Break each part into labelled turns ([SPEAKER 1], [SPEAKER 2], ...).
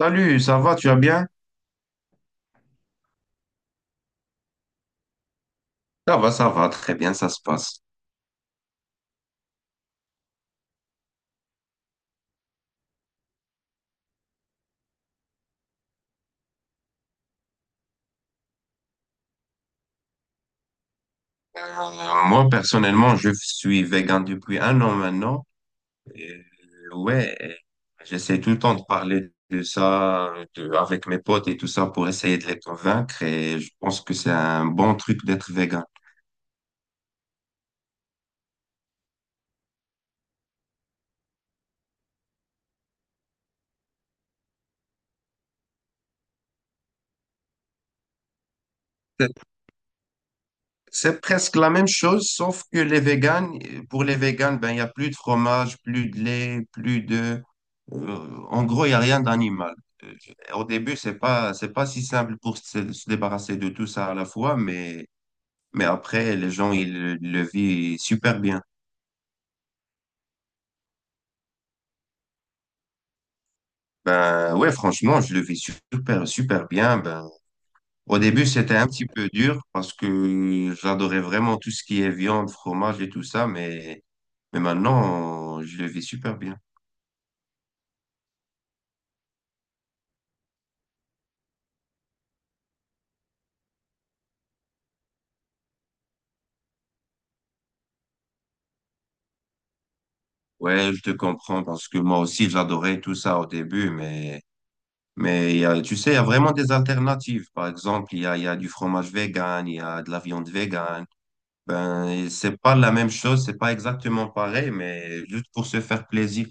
[SPEAKER 1] Salut, ça va, tu vas bien? Ça va, très bien, ça se passe. Euh, Moi, personnellement, je suis vegan depuis un an maintenant. Et, ouais, j'essaie tout le temps de parler de ça avec mes potes et tout ça pour essayer de les convaincre et je pense que c'est un bon truc d'être vegan. C'est presque la même chose, sauf que pour les véganes, ben, il n'y a plus de fromage, plus de lait, plus en gros, il n'y a rien d'animal. Euh, Au début, c'est pas si simple pour se débarrasser de tout ça à la fois, mais après, les gens, ils le vivent super bien. Ben, ouais, franchement, je le vis super, super bien. Ben, au début, c'était un petit peu dur parce que j'adorais vraiment tout ce qui est viande, fromage et tout ça, mais maintenant, je le vis super bien. Ouais, je te comprends parce que moi aussi j'adorais tout ça au début, mais il y a, tu sais, il y a vraiment des alternatives. Par exemple, il y a du fromage vegan, il y a de la viande vegan. Ben, et c'est pas la même chose, c'est pas exactement pareil, mais juste pour se faire plaisir.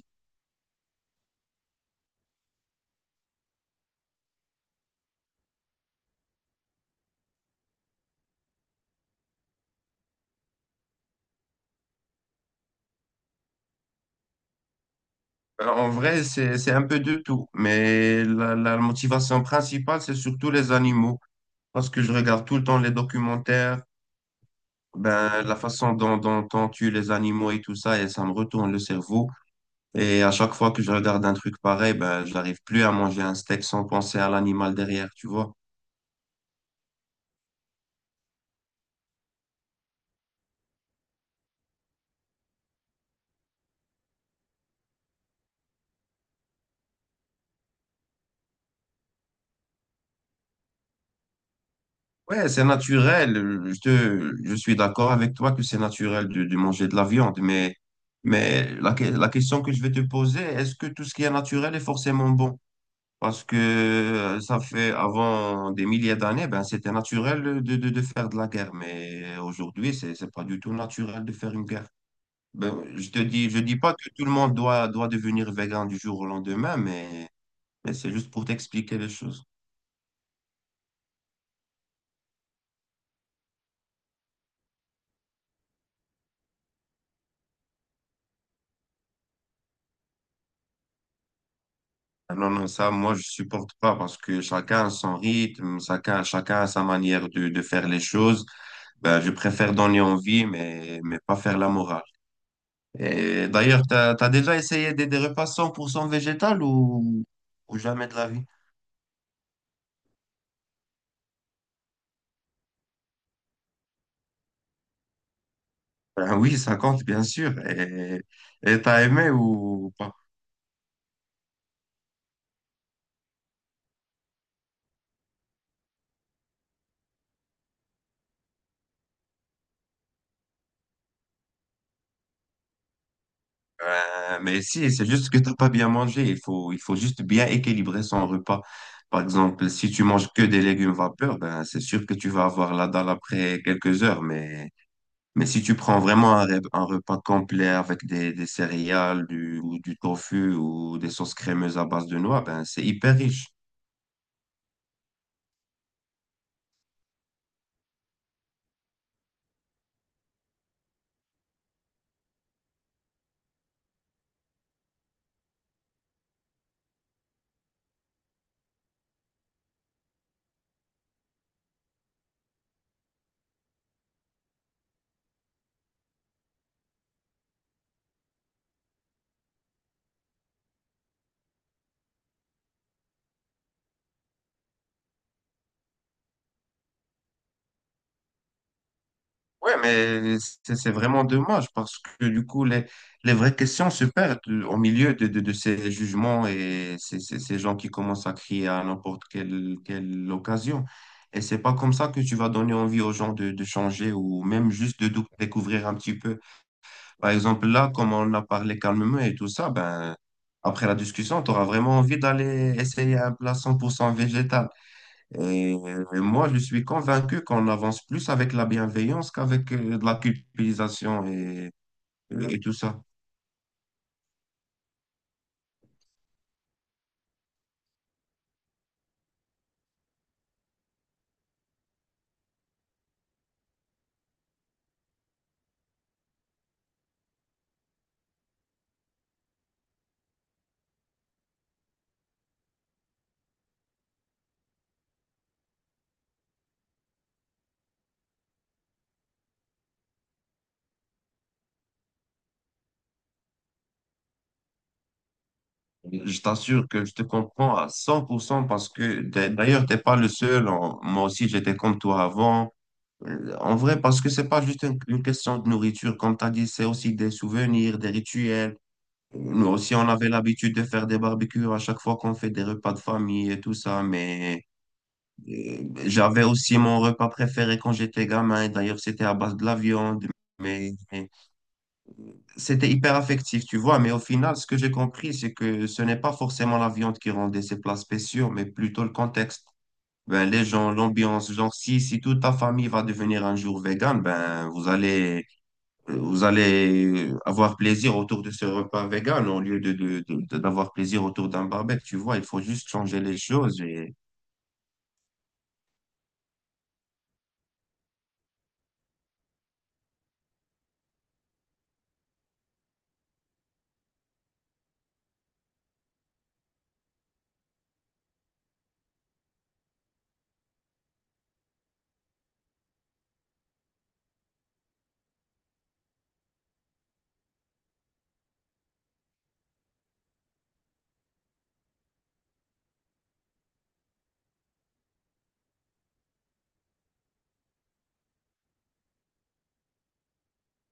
[SPEAKER 1] En vrai, c'est un peu de tout, mais la motivation principale, c'est surtout les animaux, parce que je regarde tout le temps les documentaires, ben la façon dont on tue les animaux et tout ça, et ça me retourne le cerveau. Et à chaque fois que je regarde un truc pareil, ben, je n'arrive plus à manger un steak sans penser à l'animal derrière, tu vois. Ouais, c'est naturel. Je suis d'accord avec toi que c'est naturel de manger de la viande, mais la question que je vais te poser, est-ce que tout ce qui est naturel est forcément bon? Parce que ça fait avant des milliers d'années, ben, c'était naturel de faire de la guerre, mais aujourd'hui, c'est pas du tout naturel de faire une guerre. Ben, je te dis, je dis pas que tout le monde doit devenir végan du jour au lendemain, mais c'est juste pour t'expliquer les choses. Ah non, non, ça, moi, je supporte pas parce que chacun a son rythme, chacun a sa manière de faire les choses. Ben, je préfère donner envie, mais pas faire la morale. Et d'ailleurs, t'as déjà essayé des repas 100% végétal ou jamais de la vie? Ben oui, ça compte, bien sûr. Et t'as aimé ou pas? Mais si, c'est juste que t'as pas bien mangé. Il faut juste bien équilibrer son repas. Par exemple, si tu manges que des légumes vapeur, ben, c'est sûr que tu vas avoir la dalle après quelques heures. Mais si tu prends vraiment un repas complet avec des céréales, du tofu ou des sauces crémeuses à base de noix, ben, c'est hyper riche. Ouais, mais c'est vraiment dommage parce que du coup, les vraies questions se perdent au milieu de ces jugements et ces gens qui commencent à crier à quelle occasion. Et c'est pas comme ça que tu vas donner envie aux gens de changer ou même juste de découvrir un petit peu. Par exemple, là, comme on a parlé calmement et tout ça, ben, après la discussion, tu auras vraiment envie d'aller essayer un plat 100% végétal. Et moi, je suis convaincu qu'on avance plus avec la bienveillance qu'avec de la culpabilisation et tout ça. Je t'assure que je te comprends à 100% parce que d'ailleurs, t'es pas le seul. Moi aussi, j'étais comme toi avant. En vrai, parce que c'est pas juste une question de nourriture. Comme tu as dit, c'est aussi des souvenirs, des rituels. Nous aussi, on avait l'habitude de faire des barbecues à chaque fois qu'on fait des repas de famille et tout ça. Mais Euh, j'avais aussi mon repas préféré quand j'étais gamin. D'ailleurs, c'était à base de la viande, mais c'était hyper affectif, tu vois. Mais au final, ce que j'ai compris, c'est que ce n'est pas forcément la viande qui rendait ces plats spéciaux, mais plutôt le contexte. Ben, les gens, l'ambiance, genre si toute ta famille va devenir un jour végane, ben vous allez avoir plaisir autour de ce repas végane au lieu d'avoir plaisir autour d'un barbecue, tu vois, il faut juste changer les choses.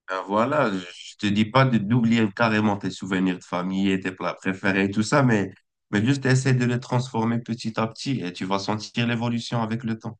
[SPEAKER 1] Ben voilà, je te dis pas d'oublier carrément tes souvenirs de famille et tes plats préférés et tout ça, mais juste essaie de les transformer petit à petit et tu vas sentir l'évolution avec le temps.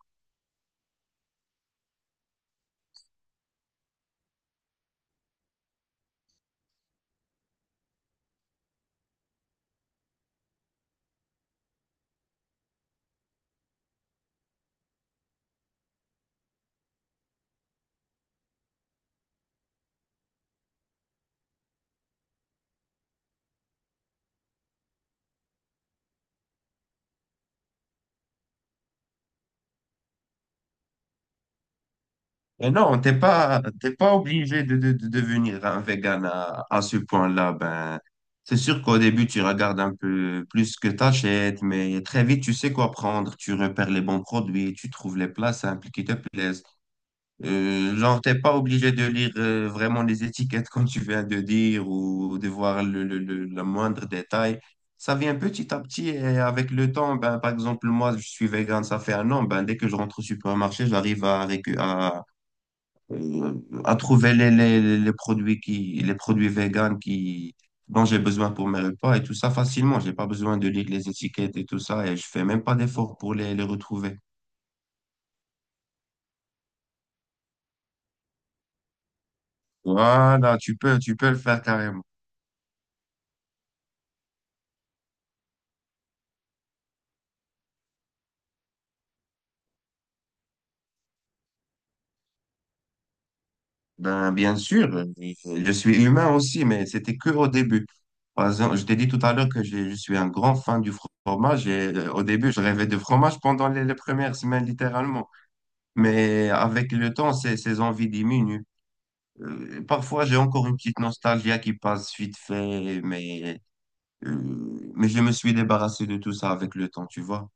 [SPEAKER 1] Et non, t'es pas obligé de devenir un vegan à ce point-là. Ben, c'est sûr qu'au début, tu regardes un peu plus ce que t'achètes, mais très vite, tu sais quoi prendre. Tu repères les bons produits, tu trouves les plats simples qui te plaisent. Genre, t'es pas obligé de lire vraiment les étiquettes comme tu viens de dire ou de voir le moindre détail. Ça vient petit à petit et avec le temps, ben, par exemple, moi, je suis vegan, ça fait un an, ben, dès que je rentre au supermarché, j'arrive à, récu- euh, à trouver les produits les produits vegan qui, dont j'ai besoin pour mes repas et tout ça facilement. J'ai pas besoin de lire les étiquettes et tout ça et je fais même pas d'effort pour les retrouver. Voilà, tu peux le faire carrément. Ben, bien sûr, je suis humain aussi, mais c'était que au début. Par exemple, je t'ai dit tout à l'heure que je suis un grand fan du fromage et au début, je rêvais de fromage pendant les premières semaines, littéralement. Mais avec le temps, ces envies diminuent. Parfois, j'ai encore une petite nostalgie qui passe vite fait, mais je me suis débarrassé de tout ça avec le temps, tu vois.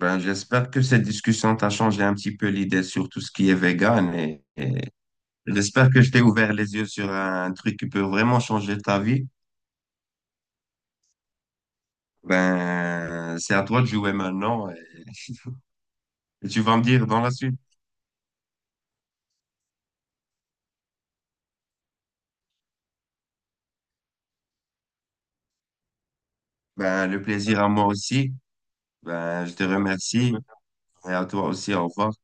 [SPEAKER 1] Ben, j'espère que cette discussion t'a changé un petit peu l'idée sur tout ce qui est vegan et j'espère que je t'ai ouvert les yeux sur un truc qui peut vraiment changer ta vie. Ben, c'est à toi de jouer maintenant et tu vas me dire dans la suite. Ben, le plaisir à moi aussi. Ben, je te remercie et à toi aussi. Au revoir.